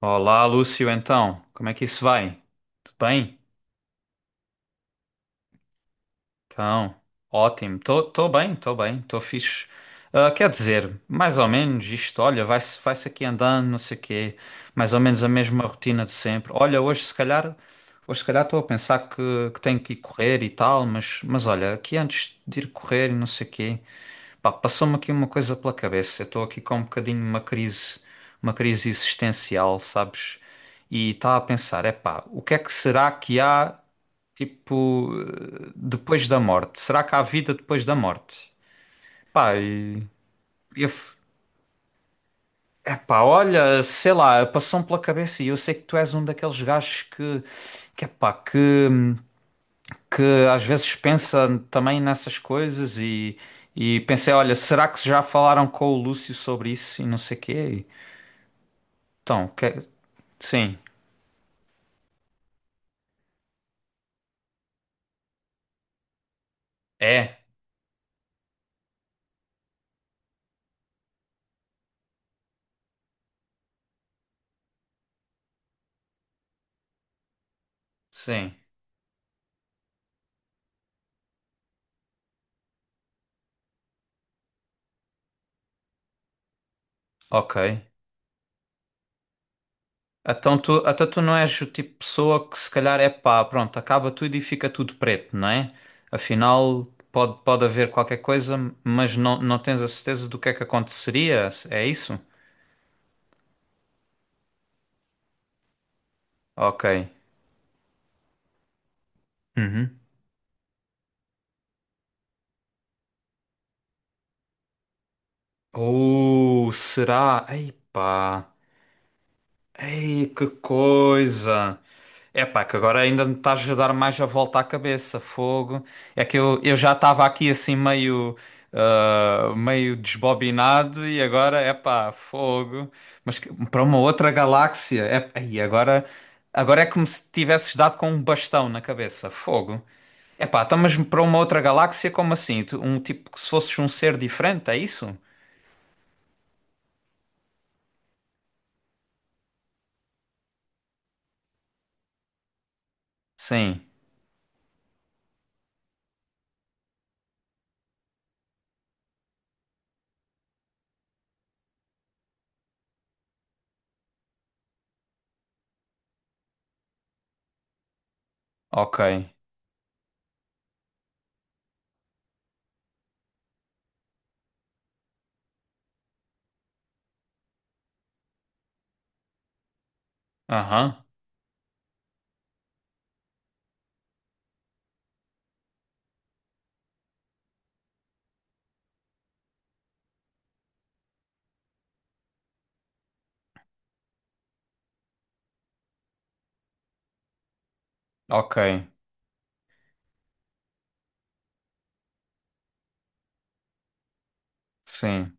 Olá, Lúcio, então, como é que isso vai? Tudo bem? Então, ótimo. Tô bem, tô fixe. Ah, quer dizer, mais ou menos isto, olha, vai-se aqui andando, não sei o quê, mais ou menos a mesma rotina de sempre. Olha, hoje se calhar estou a pensar que tenho que ir correr e tal, mas olha, aqui antes de ir correr e não sei o quê, pá, passou-me aqui uma coisa pela cabeça. Eu estou aqui com um bocadinho uma crise existencial, sabes? E estava a pensar, epá, o que é que será que há, tipo, depois da morte? Será que há vida depois da morte? Pá, e eu, f- epá, olha, sei lá, passou-me pela cabeça e eu sei que tu és um daqueles gajos que epá, hum, que às vezes pensa também nessas coisas e pensei, olha, será que já falaram com o Lúcio sobre isso e não sei quê? Então, que- sim, é, sim, ok. Então tu, até tu não és o tipo de pessoa que se calhar é pá, pronto, acaba tudo e fica tudo preto, não é? Afinal, pode haver qualquer coisa, mas não tens a certeza do que é que aconteceria, é isso? Ok. Uhum. Ou será? Ei pá. Ei, que coisa! É pá, que agora ainda me estás a dar mais a volta à cabeça, fogo. É que eu já estava aqui assim meio, ah, meio desbobinado e agora é pá, fogo. Para uma outra galáxia, é, aí agora, agora é como se tivesses dado com um bastão na cabeça, fogo. É pá, então, mas para uma outra galáxia, como assim? Um tipo que se fosses um ser diferente, é isso? Sim, ok. Aham, ok, sim.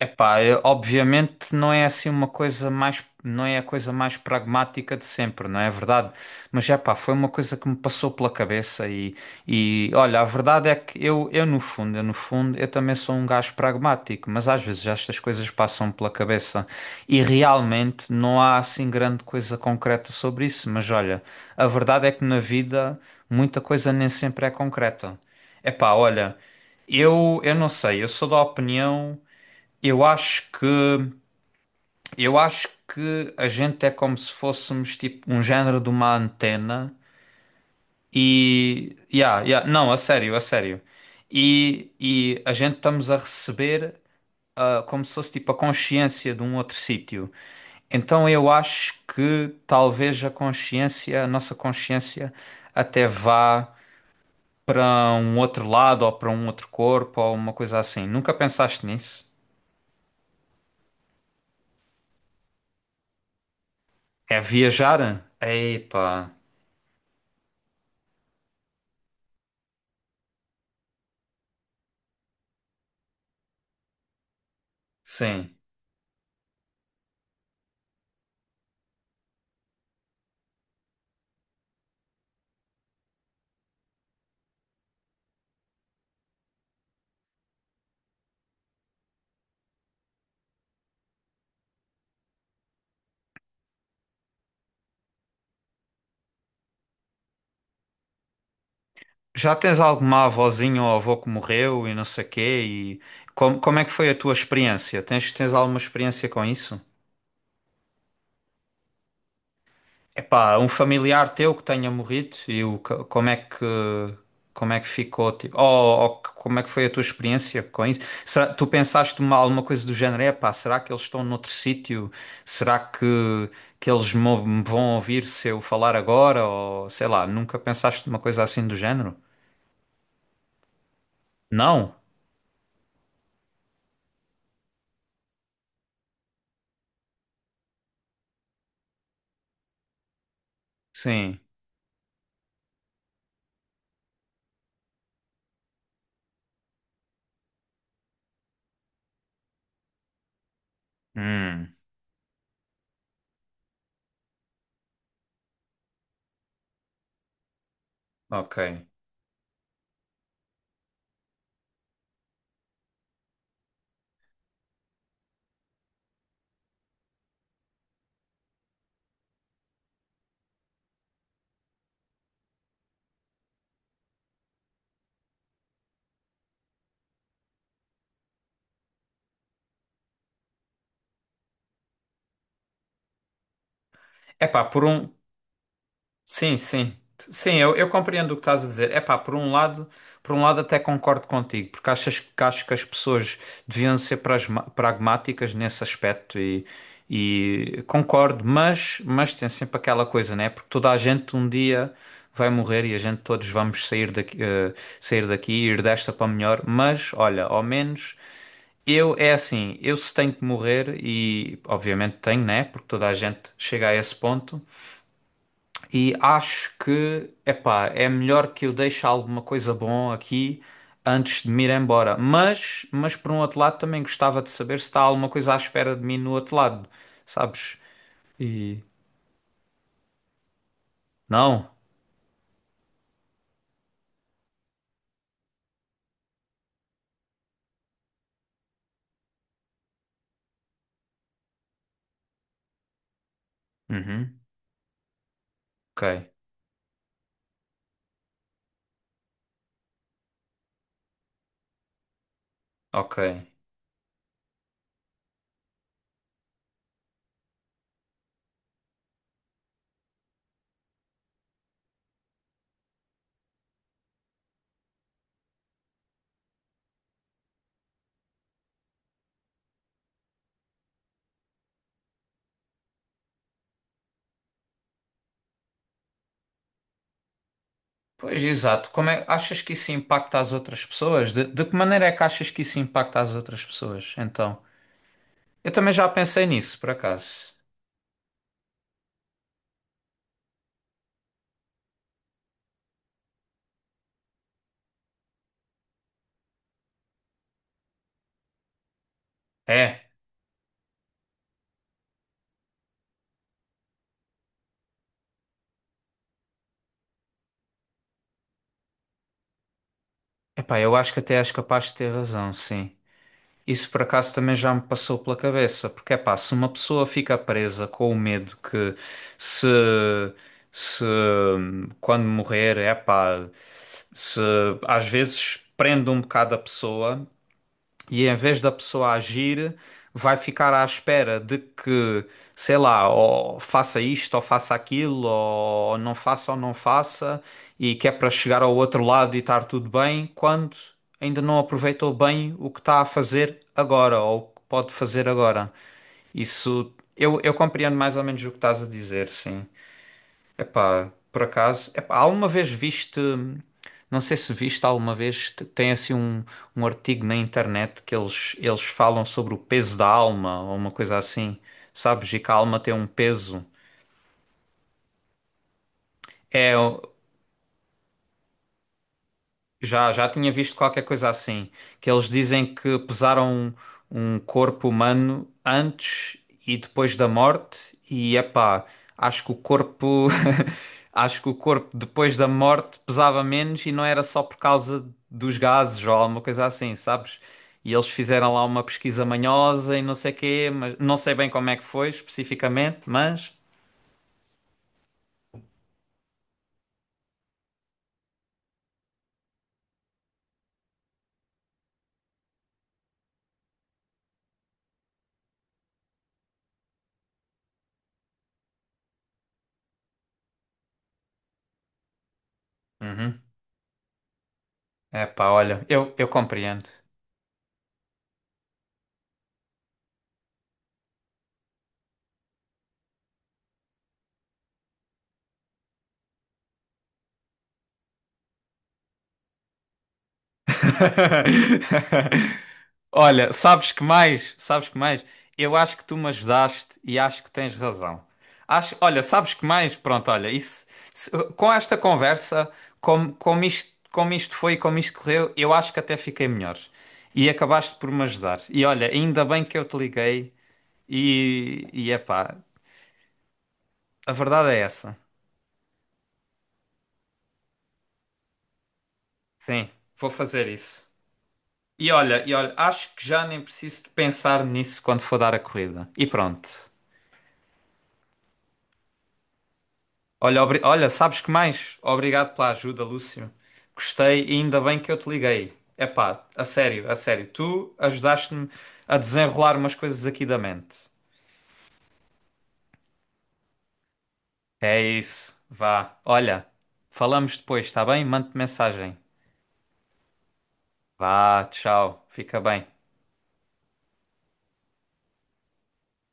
Epá, obviamente não é assim uma coisa mais, não é a coisa mais pragmática de sempre, não é verdade? Mas é pá, foi uma coisa que me passou pela cabeça e olha, a verdade é que eu no fundo, eu no fundo, eu também sou um gajo pragmático, mas às vezes estas coisas passam pela cabeça e realmente não há assim grande coisa concreta sobre isso, mas olha, a verdade é que na vida muita coisa nem sempre é concreta. Epá, olha, eu não sei, eu sou da opinião eu acho que eu acho que a gente é como se fôssemos tipo um género de uma antena e yeah, yeah, não, a sério, a sério. E a gente estamos a receber ah, como se fosse tipo a consciência de um outro sítio. Então eu acho que talvez a consciência, a nossa consciência até vá para um outro lado ou para um outro corpo ou uma coisa assim. Nunca pensaste nisso? É viajar? Epá, sim. Já tens alguma avózinha ou avô que morreu e não sei quê? E como, como é que foi a tua experiência? Tens, tens alguma experiência com isso? Epá, um familiar teu que tenha morrido e como é que ficou? Tipo, ou, como é que foi a tua experiência com isso? Tu pensaste uma, alguma coisa do género? Epá, será que eles estão noutro sítio? Será que eles me vão ouvir se eu falar agora? Ou sei lá, nunca pensaste uma coisa assim do género? Não? Sim. Hum, ok. É pá, por um. Sim, sim. Sim, eu compreendo o que estás a dizer. É pá, por um lado até concordo contigo, porque achas que acho que as pessoas deviam ser pragmáticas nesse aspecto e concordo, mas tem sempre aquela coisa, né? Porque toda a gente um dia vai morrer e a gente todos vamos sair daqui, sair daqui e ir desta para melhor, mas olha, ao menos eu é assim, eu se tenho que morrer e obviamente tenho, né? Porque toda a gente chega a esse ponto. E acho que, epá, é melhor que eu deixe alguma coisa bom aqui antes de me ir embora. Mas por um outro lado, também gostava de saber se está alguma coisa à espera de mim no outro lado, sabes? E não? Uhum. Ok, ok. Pois exato. Como é, achas que isso impacta as outras pessoas? De que maneira é que achas que isso impacta as outras pessoas? Então, eu também já pensei nisso, por acaso. É, epá, eu acho que até és capaz de ter razão, sim. Isso por acaso também já me passou pela cabeça, porque é pá, se uma pessoa fica presa com o medo que se, se quando morrer, é pá, se às vezes prende um bocado a pessoa e em vez da pessoa agir, vai ficar à espera de que, sei lá, ou faça isto, ou faça aquilo, ou não faça, e que é para chegar ao outro lado e estar tudo bem, quando ainda não aproveitou bem o que está a fazer agora, ou o que pode fazer agora. Isso, eu compreendo mais ou menos o que estás a dizer, sim. Epá, por acaso, epá, alguma vez viste, não sei se viste alguma vez, tem assim um, um artigo na internet que eles falam sobre o peso da alma ou uma coisa assim, sabes? E que a alma tem um peso. É, já, já tinha visto qualquer coisa assim, que eles dizem que pesaram um, um corpo humano antes e depois da morte, e epá, acho que o corpo, acho que o corpo depois da morte pesava menos e não era só por causa dos gases ou alguma coisa assim, sabes? E eles fizeram lá uma pesquisa manhosa e não sei quê, mas não sei bem como é que foi especificamente, mas... Uhum. Epá, olha, eu compreendo. Olha, sabes que mais? Sabes que mais? Eu acho que tu me ajudaste e acho que tens razão. Acho, olha, sabes que mais? Pronto, olha, isso, com esta conversa, como, como isto foi, e como isto correu, eu acho que até fiquei melhor. E acabaste por me ajudar. E olha, ainda bem que eu te liguei e epá, a verdade é essa. Sim, vou fazer isso. E olha, acho que já nem preciso de pensar nisso quando for dar a corrida. E pronto. Olha, olha, sabes que mais? Obrigado pela ajuda, Lúcio. Gostei e ainda bem que eu te liguei. Epá, a sério, a sério. Tu ajudaste-me a desenrolar umas coisas aqui da mente. É isso. Vá. Olha, falamos depois, está bem? Mande mensagem. Vá, tchau. Fica bem.